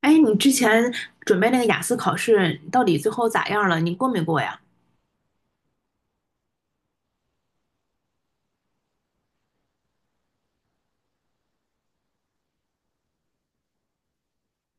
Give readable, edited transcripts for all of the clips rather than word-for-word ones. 哎，你之前准备那个雅思考试，到底最后咋样了？你过没过呀？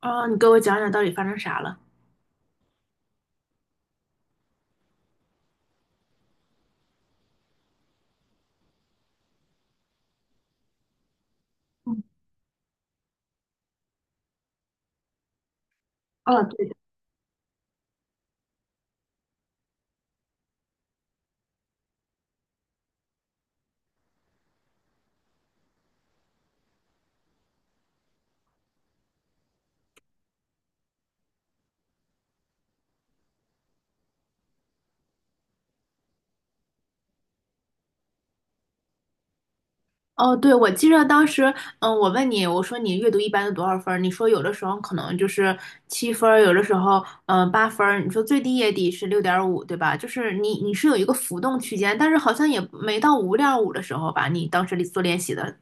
啊，你给我讲讲到底发生啥了？嗯，啊对的哦，对，我记得当时，嗯，我问你，我说你阅读一般都多少分儿？你说有的时候可能就是7分儿，有的时候嗯8分儿。你说最低也得是6.5，对吧？就是你是有一个浮动区间，但是好像也没到5.5的时候吧？你当时做练习的，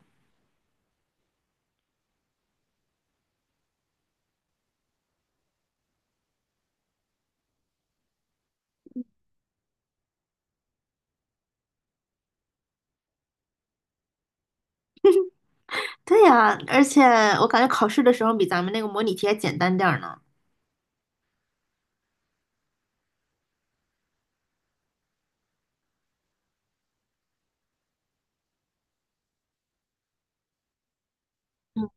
对呀，而且我感觉考试的时候比咱们那个模拟题还简单点儿呢。嗯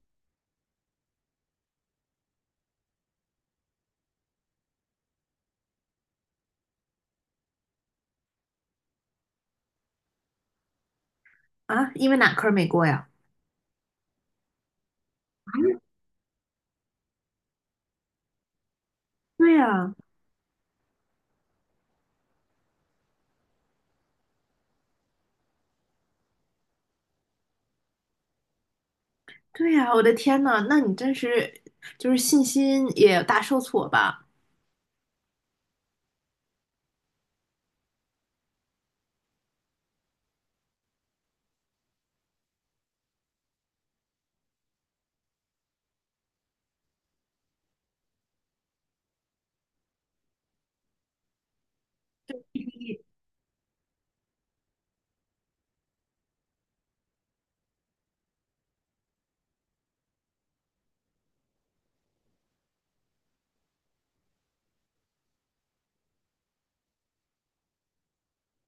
啊，因为哪科儿没过呀？对呀，对呀，我的天呐，那你真是就是信心也大受挫吧？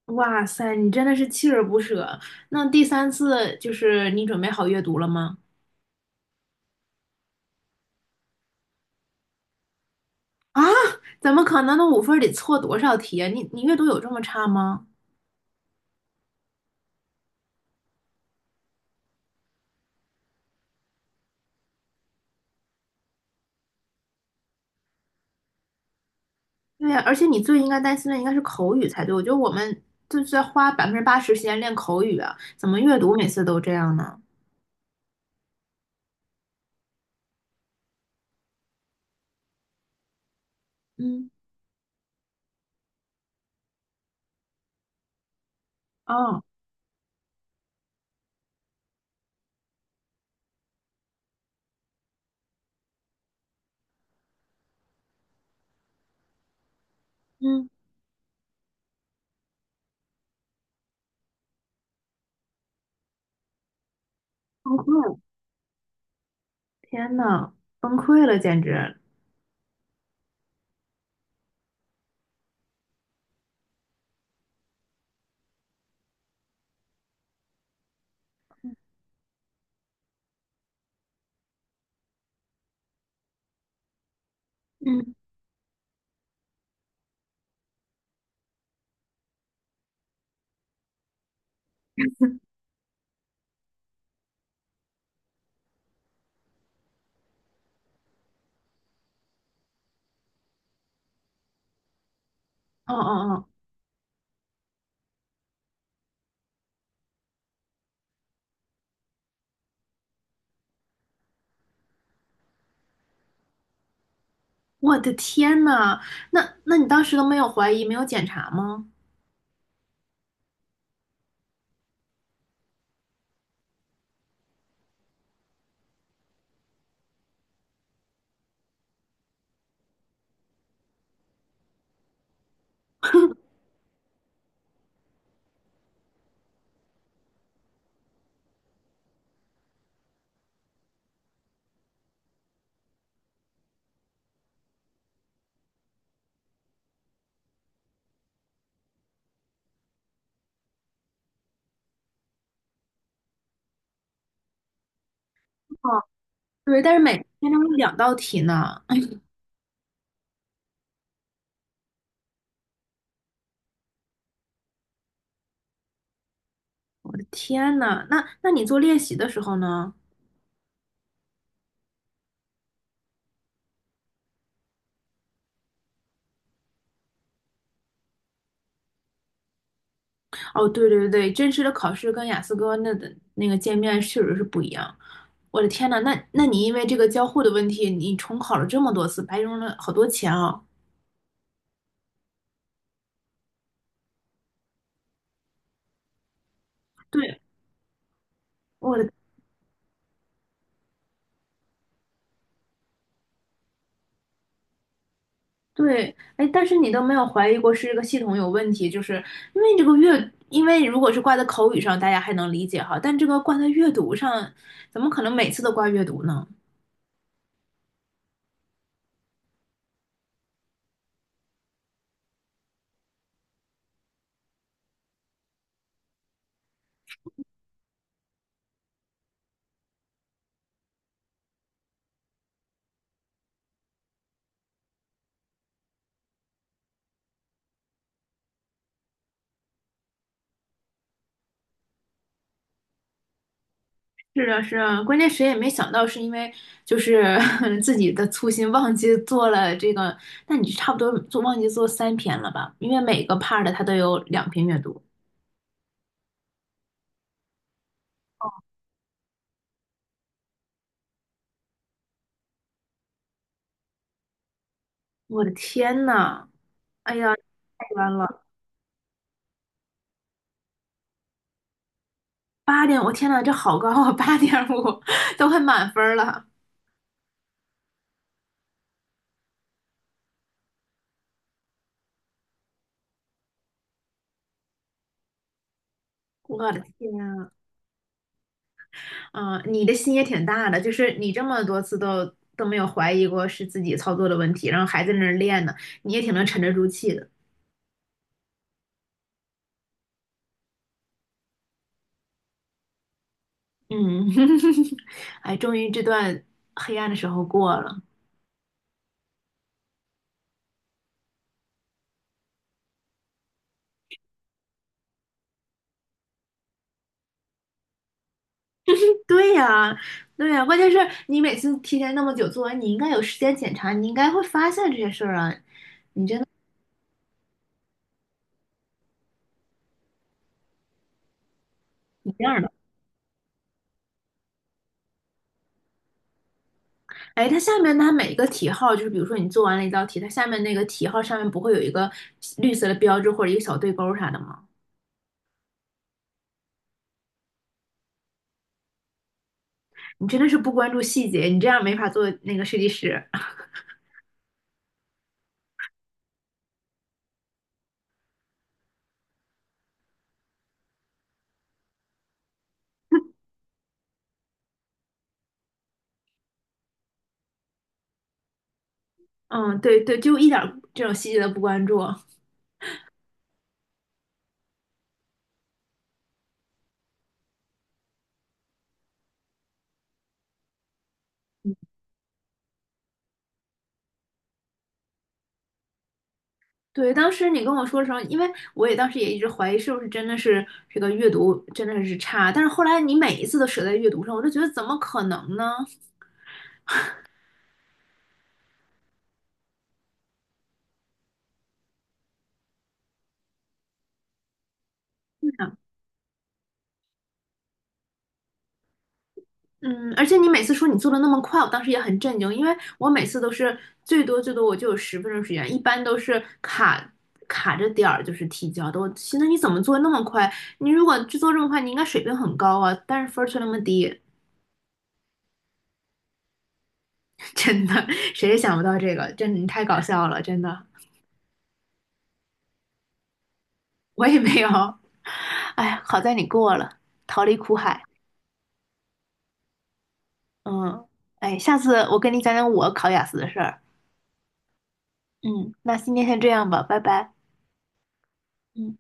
哇塞，你真的是锲而不舍。那第三次就是你准备好阅读了吗？啊，怎么可能？那5分儿得错多少题啊？你你阅读有这么差吗？对呀，而且你最应该担心的应该是口语才对。我觉得我们就是在花80%时间练口语啊，怎么阅读每次都这样呢？嗯，哦，嗯，崩溃了天呐，崩溃了，简直。嗯，哦哦哦。我的天呐，那你当时都没有怀疑，没有检查吗？哦，对，但是每天都有两道题呢。天呐，那你做练习的时候呢？哦，对对对，真实的考试跟雅思哥那的那个见面确实是不一样。我的天呐，那你因为这个交互的问题，你重考了这么多次，白扔了好多钱啊！对，我的。对，哎，但是你都没有怀疑过是这个系统有问题，就是因为这个阅，因为如果是挂在口语上，大家还能理解哈，但这个挂在阅读上，怎么可能每次都挂阅读呢？是啊，是啊，关键谁也没想到，是因为就是 自己的粗心忘记做了这个，那你差不多做忘记做三篇了吧？因为每个 part 它都有两篇阅读。我的天呐，哎呀，太冤了！八点，我天呐，这好高啊，8.5 都快满分了，我的天！嗯，你的心也挺大的，就是你这么多次都没有怀疑过是自己操作的问题，然后还在那儿练呢，你也挺能沉得住气的。嗯，哎，终于这段黑暗的时候过了。对呀，对呀，关键是你每次提前那么久做完，你应该有时间检查，你应该会发现这些事儿啊。一样的，哎，它下面它每个题号，就是比如说你做完了一道题，它下面那个题号上面不会有一个绿色的标志或者一个小对勾啥的吗？你真的是不关注细节，你这样没法做那个设计师。嗯，对对，就一点这种细节都不关注。对，当时你跟我说的时候，因为我也当时也一直怀疑是不是真的是这个阅读真的是差，但是后来你每一次都舍在阅读上，我就觉得怎么可能呢？嗯，而且你每次说你做的那么快，我当时也很震惊，因为我每次都是最多最多我就有10分钟时间，一般都是卡着点儿就是提交的。我寻思你怎么做那么快？你如果制做这么快，你应该水平很高啊，但是分儿却那么低，真的，谁也想不到这个，真的你太搞笑了，真的，我也没有。哎呀，好在你过了，逃离苦海。嗯，哎，下次我跟你讲讲我考雅思的事儿。嗯，那今天先这样吧，拜拜。嗯。